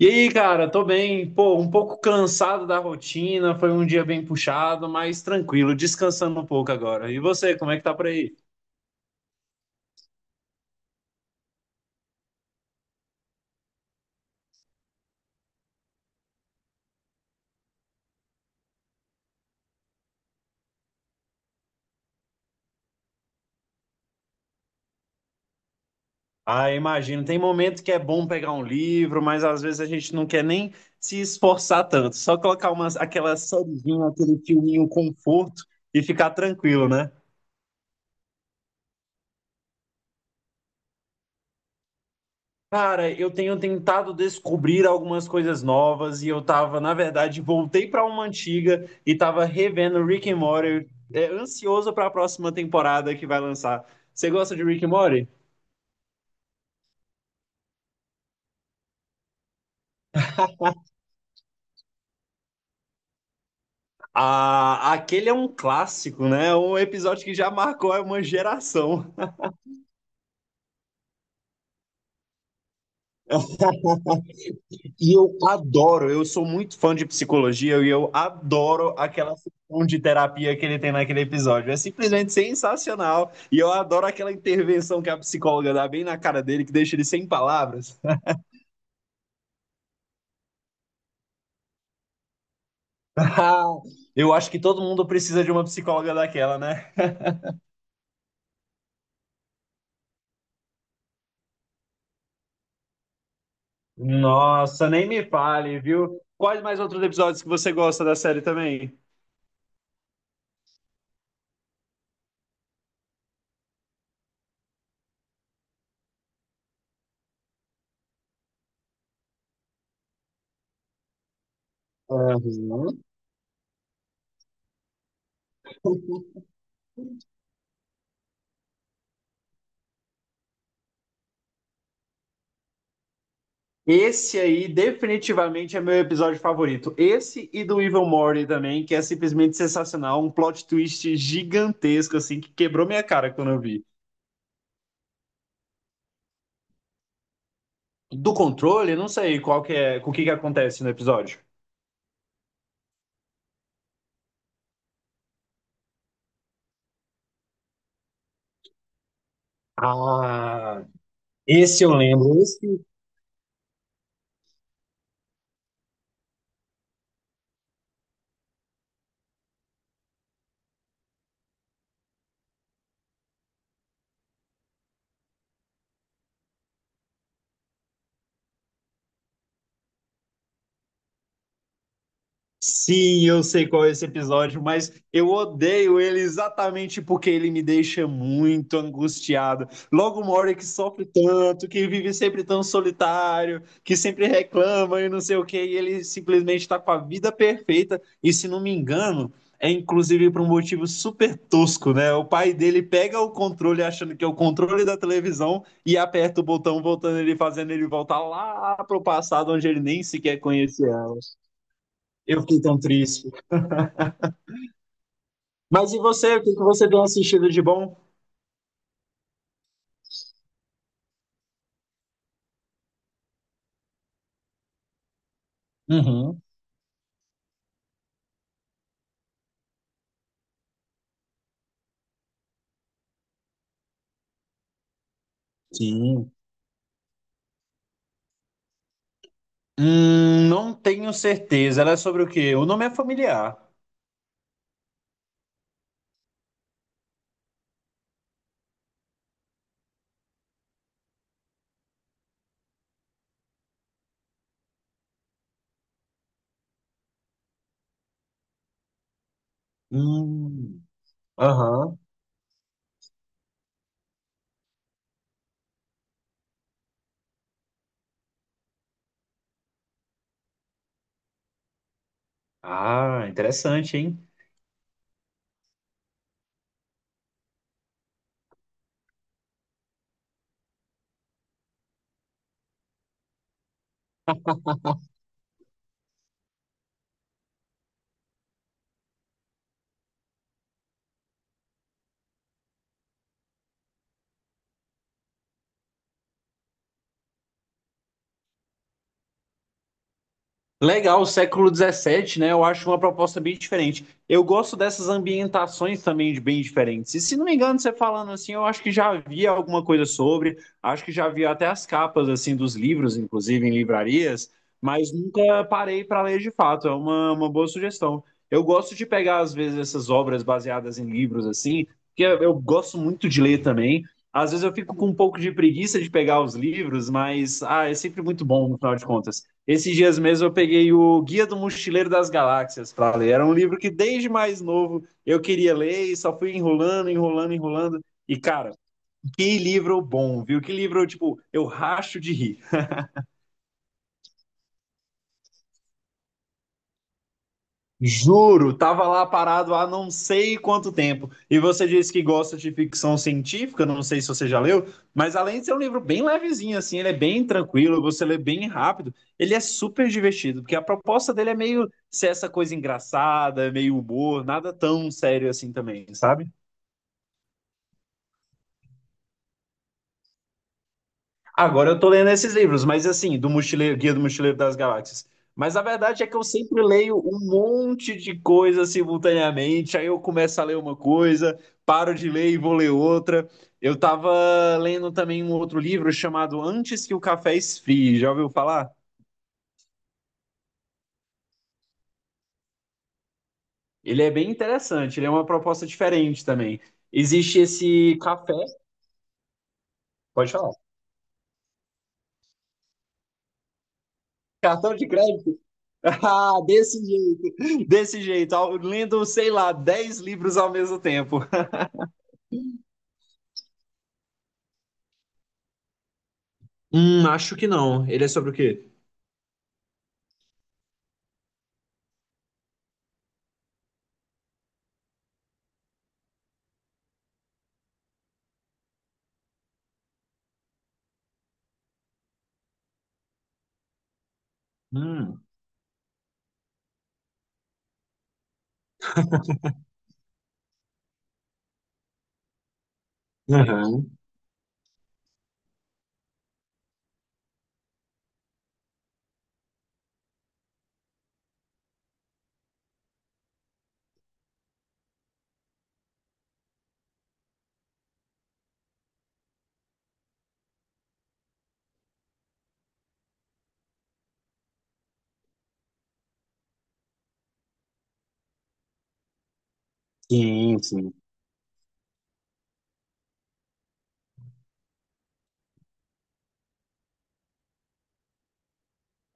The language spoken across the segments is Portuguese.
E aí, cara, tô bem, pô, um pouco cansado da rotina, foi um dia bem puxado, mas tranquilo, descansando um pouco agora. E você, como é que tá por aí? Ah, imagino, tem momento que é bom pegar um livro, mas às vezes a gente não quer nem se esforçar tanto, só colocar umas, aquela sériezinha, aquele filminho conforto e ficar tranquilo, né? Cara, eu tenho tentado descobrir algumas coisas novas e eu tava, na verdade, voltei pra uma antiga e tava revendo Rick and Morty, é, ansioso pra próxima temporada que vai lançar. Você gosta de Rick and Morty? Ah, aquele é um clássico, né? Um episódio que já marcou uma geração. E eu adoro, eu sou muito fã de psicologia e eu adoro aquela sessão de terapia que ele tem naquele episódio. É simplesmente sensacional. E eu adoro aquela intervenção que a psicóloga dá bem na cara dele, que deixa ele sem palavras. Ah, eu acho que todo mundo precisa de uma psicóloga daquela, né? Nossa, nem me fale, viu? Quais mais outros episódios que você gosta da série também? Esse aí definitivamente é meu episódio favorito. Esse e do Evil Morty também, que é simplesmente sensacional, um plot twist gigantesco assim que quebrou minha cara quando eu vi. Do controle, não sei qual que é, o que que acontece no episódio. Ah, esse eu lembro. Esse Sim, eu sei qual é esse episódio, mas eu odeio ele exatamente porque ele me deixa muito angustiado. Logo uma hora que sofre tanto, que vive sempre tão solitário, que sempre reclama e não sei o quê, e ele simplesmente está com a vida perfeita. E se não me engano, é inclusive por um motivo super tosco, né? O pai dele pega o controle achando que é o controle da televisão e aperta o botão, voltando ele, fazendo ele voltar lá pro passado onde ele nem sequer conhecia ela. Eu fiquei tão triste. Mas e você? O que que você tem assistido de bom? Uhum, sim. Não tenho certeza. Ela é sobre o quê? O nome é familiar. Hum, aham. Ah, interessante, hein? Legal, século XVII, né? Eu acho uma proposta bem diferente. Eu gosto dessas ambientações também de bem diferentes. E se não me engano, você falando assim, eu acho que já vi alguma coisa sobre, acho que já vi até as capas assim dos livros, inclusive em livrarias, mas nunca parei para ler de fato. É uma boa sugestão. Eu gosto de pegar às vezes essas obras baseadas em livros assim, porque eu gosto muito de ler também. Às vezes eu fico com um pouco de preguiça de pegar os livros, mas ah, é sempre muito bom no final de contas. Esses dias mesmo eu peguei o Guia do Mochileiro das Galáxias para ler. Era um livro que desde mais novo eu queria ler e só fui enrolando, enrolando, enrolando. E cara, que livro bom, viu? Que livro, tipo, eu racho de rir. Juro, tava lá parado há não sei quanto tempo. E você disse que gosta de ficção científica, não sei se você já leu, mas além de ser um livro bem levezinho, assim, ele é bem tranquilo, você lê bem rápido, ele é super divertido, porque a proposta dele é meio ser essa coisa engraçada, meio humor, nada tão sério assim também, sabe? Agora eu tô lendo esses livros, mas assim, do Mochileiro, Guia do Mochileiro das Galáxias. Mas a verdade é que eu sempre leio um monte de coisa simultaneamente, aí eu começo a ler uma coisa, paro de ler e vou ler outra. Eu tava lendo também um outro livro chamado Antes que o Café Esfrie, já ouviu falar? Ele é bem interessante, ele é uma proposta diferente também. Existe esse café, pode falar. Cartão de crédito? Ah, desse jeito, lendo, sei lá, 10 livros ao mesmo tempo. Acho que não. Ele é sobre o quê? Hum. Aham. Sim, sim.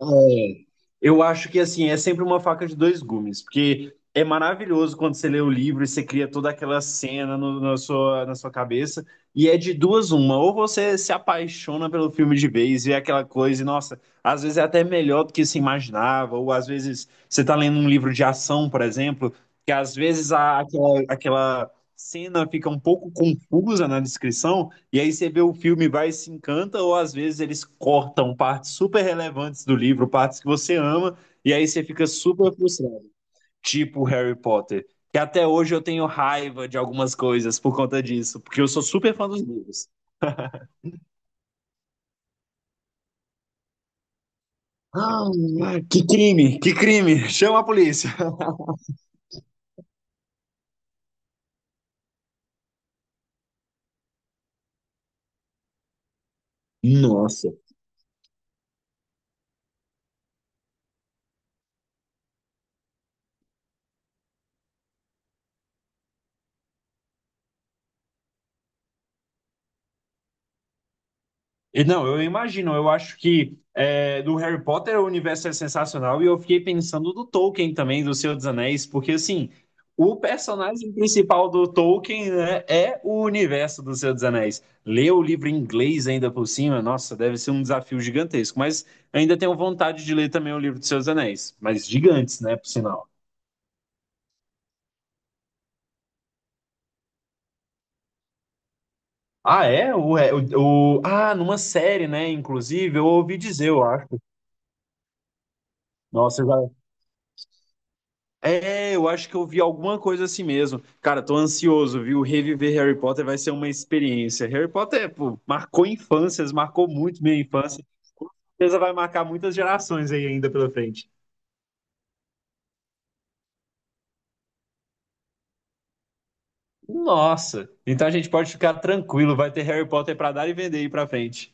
É, eu acho que assim, é sempre uma faca de dois gumes, porque é maravilhoso quando você lê o livro e você cria toda aquela cena na sua cabeça, e é de duas uma, ou você se apaixona pelo filme de vez, vê aquela coisa, e nossa, às vezes é até melhor do que se imaginava, ou às vezes você tá lendo um livro de ação, por exemplo, que às vezes aquela cena fica um pouco confusa na descrição, e aí você vê o filme, vai e se encanta, ou às vezes eles cortam partes super relevantes do livro, partes que você ama, e aí você fica super frustrado. Tipo Harry Potter. Que até hoje eu tenho raiva de algumas coisas por conta disso, porque eu sou super fã dos livros. Ah, que crime, que crime! Chama a polícia! Nossa. Não, eu imagino. Eu acho que é, do Harry Potter o universo é sensacional e eu fiquei pensando do Tolkien também, do Senhor dos Anéis, porque assim, o personagem principal do Tolkien, né, é o universo do Senhor dos Anéis. Ler o livro em inglês ainda por cima, nossa, deve ser um desafio gigantesco. Mas ainda tenho vontade de ler também o livro do Senhor dos Anéis, mas gigantes, né, por sinal. Ah, é? Numa série, né? Inclusive, eu ouvi dizer, eu acho. Nossa, eu já é, eu acho que eu vi alguma coisa assim mesmo. Cara, tô ansioso, viu? Reviver Harry Potter vai ser uma experiência. Harry Potter, pô, marcou infâncias, marcou muito minha infância. Com certeza vai marcar muitas gerações aí ainda pela frente. Nossa, então a gente pode ficar tranquilo, vai ter Harry Potter pra dar e vender aí pra frente.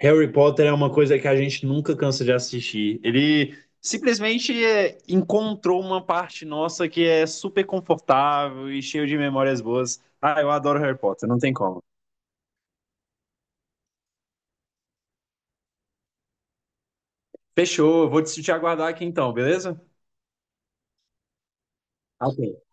Harry Potter é uma coisa que a gente nunca cansa de assistir. Ele simplesmente é, encontrou uma parte nossa que é super confortável e cheio de memórias boas. Ah, eu adoro Harry Potter, não tem como. Fechou, vou te aguardar aqui então, beleza? Ok,